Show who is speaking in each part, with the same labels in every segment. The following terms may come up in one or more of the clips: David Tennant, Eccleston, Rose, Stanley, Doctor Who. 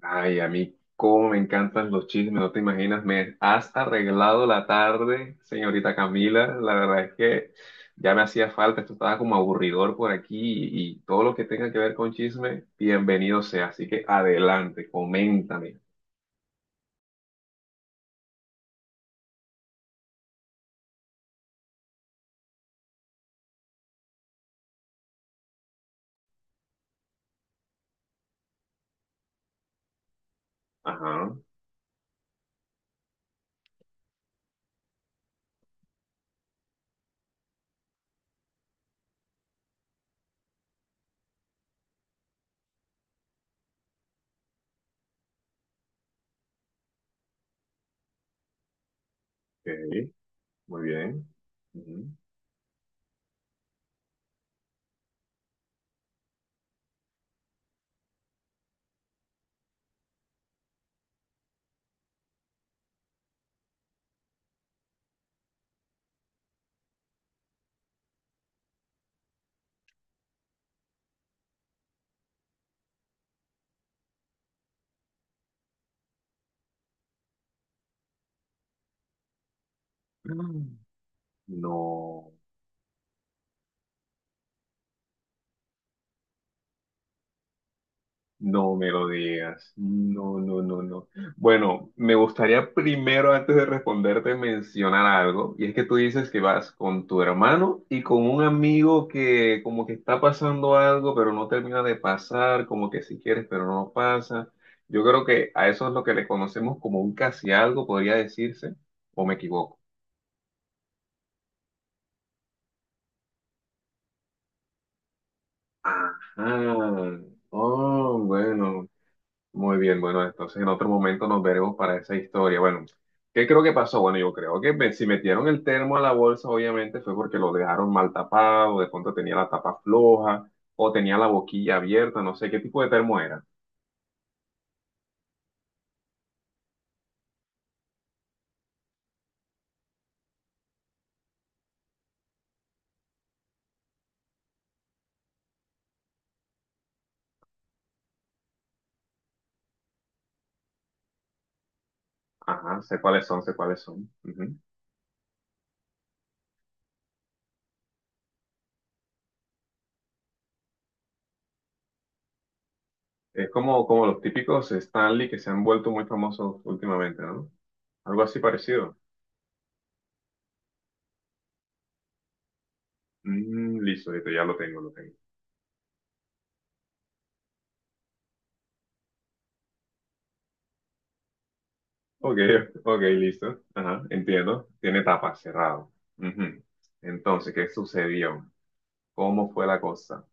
Speaker 1: Ay, a mí cómo me encantan los chismes, no te imaginas, me has arreglado la tarde, señorita Camila. La verdad es que ya me hacía falta, esto estaba como aburridor por aquí y todo lo que tenga que ver con chisme, bienvenido sea. Así que adelante, coméntame. Ajá, ok, muy bien. Ujú. Mm. No. No me lo digas. No, no, no, no. Bueno, me gustaría primero, antes de responderte, mencionar algo. Y es que tú dices que vas con tu hermano y con un amigo que como que está pasando algo, pero no termina de pasar, como que si quieres, pero no pasa. Yo creo que a eso es lo que le conocemos como un casi algo, podría decirse, o me equivoco. Ajá. Oh, bueno. Muy bien, bueno, entonces en otro momento nos veremos para esa historia. Bueno, ¿qué creo que pasó? Bueno, yo creo que si metieron el termo a la bolsa, obviamente fue porque lo dejaron mal tapado, de pronto tenía la tapa floja o tenía la boquilla abierta, no sé qué tipo de termo era. Ajá, sé cuáles son. Ujú. Es como los típicos Stanley que se han vuelto muy famosos últimamente, ¿no? Algo así parecido. Mm, listo, ya lo tengo, lo tengo. Ok, ok, listo. Ajá, entiendo. Tiene tapa, cerrado. Ujú. Entonces, ¿qué sucedió? ¿Cómo fue la cosa?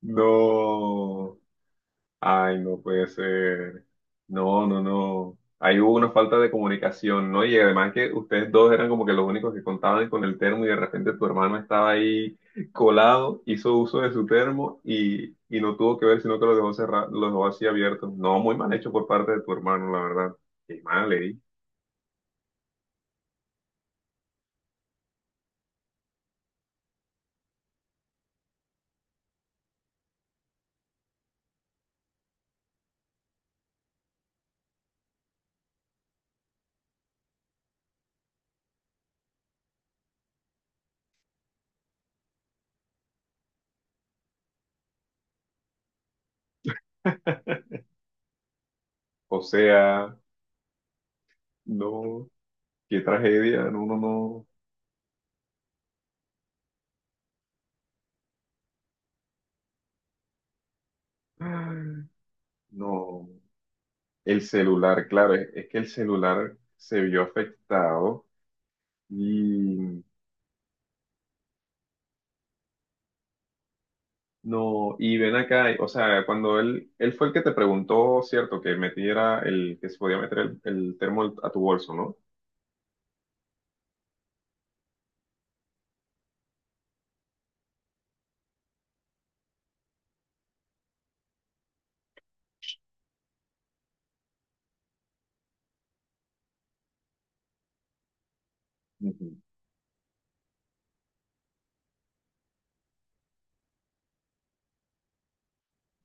Speaker 1: No. Ay, no puede ser. No, no, no. Ahí hubo una falta de comunicación, ¿no? Y además que ustedes dos eran como que los únicos que contaban con el termo y de repente tu hermano estaba ahí colado, hizo uso de su termo y no tuvo que ver, sino que lo dejó cerrado, lo dejó así abierto. No, muy mal hecho por parte de tu hermano, la verdad. Qué mal, ¿eh? O sea. No, qué tragedia, no, no, no. Ay, no, el celular, claro, es que el celular se vio afectado y no, y ven acá, o sea, cuando él fue el que te preguntó, cierto, que metiera que se podía meter el termo a tu bolso, ¿no?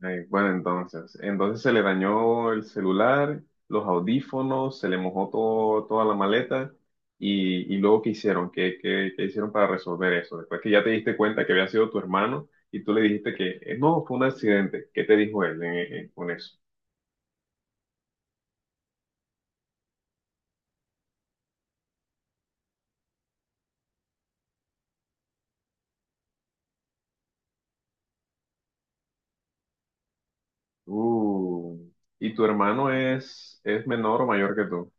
Speaker 1: Bueno, entonces se le dañó el celular, los audífonos, se le mojó todo, toda la maleta y luego ¿qué hicieron? Qué hicieron para resolver eso? Después que ya te diste cuenta que había sido tu hermano y tú le dijiste que no, fue un accidente. ¿Qué te dijo él con eso? Uh, ¿Y tu hermano es menor o mayor que tú?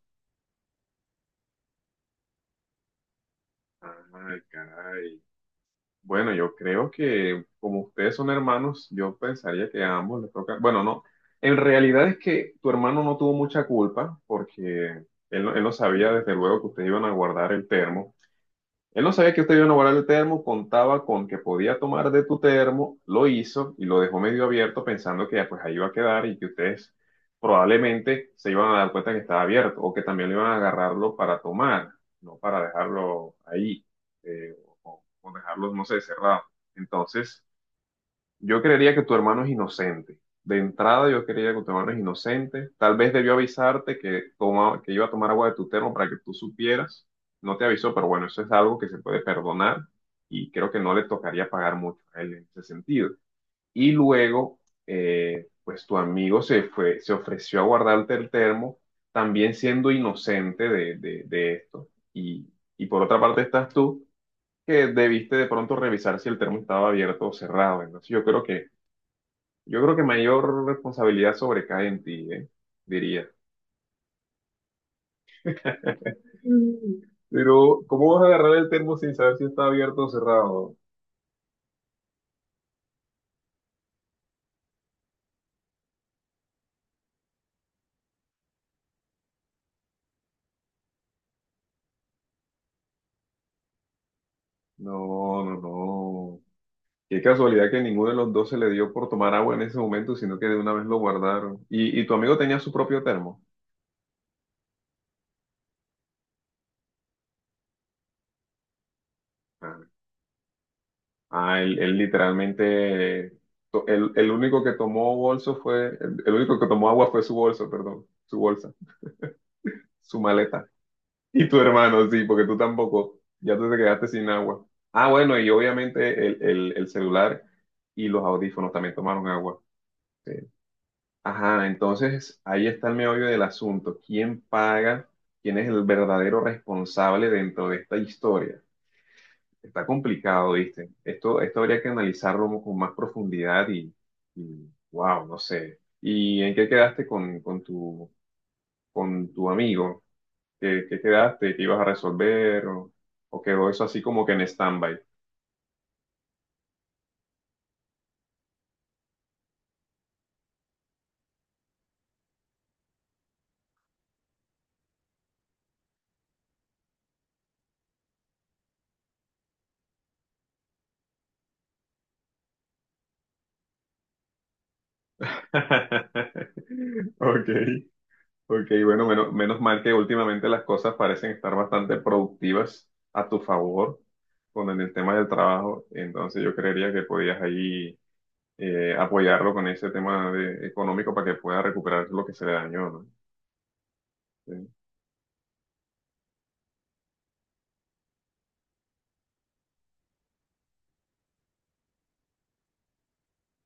Speaker 1: Ay, caray. Bueno, yo creo que como ustedes son hermanos, yo pensaría que a ambos les toca. Bueno, no. En realidad es que tu hermano no tuvo mucha culpa porque él no sabía desde luego que ustedes iban a guardar el termo. Él no sabía que usted iba a guardar el termo, contaba con que podía tomar de tu termo, lo hizo y lo dejó medio abierto pensando que ya pues ahí iba a quedar y que ustedes probablemente se iban a dar cuenta que estaba abierto o que también le iban a agarrarlo para tomar, no para dejarlo ahí eh, o dejarlo, no sé, cerrado. Entonces... Yo creería que tu hermano es inocente. De entrada, yo creería que tu hermano es inocente. Tal vez debió avisarte que, que iba a tomar agua de tu termo para que tú supieras. No te avisó, pero bueno, eso es algo que se puede perdonar y creo que no le tocaría pagar mucho a él en ese sentido. Y luego, pues tu amigo se fue, se ofreció a guardarte el termo, también siendo inocente de, de esto. Y por otra parte estás tú, que debiste de pronto revisar si el termo estaba abierto o cerrado. Entonces, yo creo que mayor responsabilidad sobrecae en ti, ¿eh? Diría. Mm. Pero, ¿cómo vas a agarrar el termo sin saber si está abierto o cerrado? No, no, no. Qué casualidad que ninguno de los dos se le dio por tomar agua en ese momento, sino que de una vez lo guardaron. ¿Y tu amigo tenía su propio termo? Ah, ah, él literalmente, el único que tomó bolso fue, el único que tomó agua fue su bolso, perdón, su bolsa, su maleta. Y tu hermano, sí, porque tú tampoco, ya tú te quedaste sin agua. Ah, bueno, y obviamente el celular y los audífonos también tomaron agua. Sí. Ajá, entonces ahí está el meollo del asunto. ¿Quién paga? ¿Quién es el verdadero responsable dentro de esta historia? Está complicado, ¿viste? Esto habría que analizarlo con más profundidad y, wow, no sé. ¿Y en qué quedaste con tu amigo? ¿Qué, qué quedaste? ¿Qué ibas a resolver? O quedó eso así como que en stand-by? Ok, ok, bueno, menos mal que últimamente las cosas parecen estar bastante productivas a tu favor con el tema del trabajo, entonces yo creería que podías ahí apoyarlo con ese tema económico para que pueda recuperar lo que se le dañó, ¿no?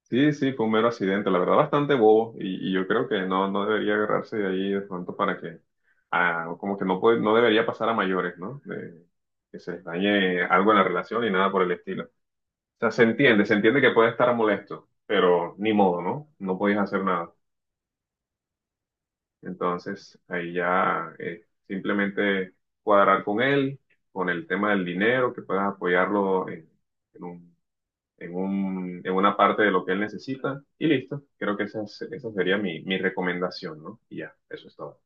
Speaker 1: Sí, sí, fue un mero accidente, la verdad, bastante bobo, y yo creo que no, no debería agarrarse de ahí de pronto para que, ah, como que no puede, no debería pasar a mayores, ¿no? De, que se les dañe algo en la relación y nada por el estilo. O sea, se entiende que puede estar molesto, pero ni modo, ¿no? No podías hacer nada. Entonces, ahí ya simplemente cuadrar con él, con el tema del dinero, que puedas apoyarlo en un en un, en una parte de lo que él necesita y listo. Creo que esa, esa sería mi, mi recomendación, ¿no? Y ya, eso es todo.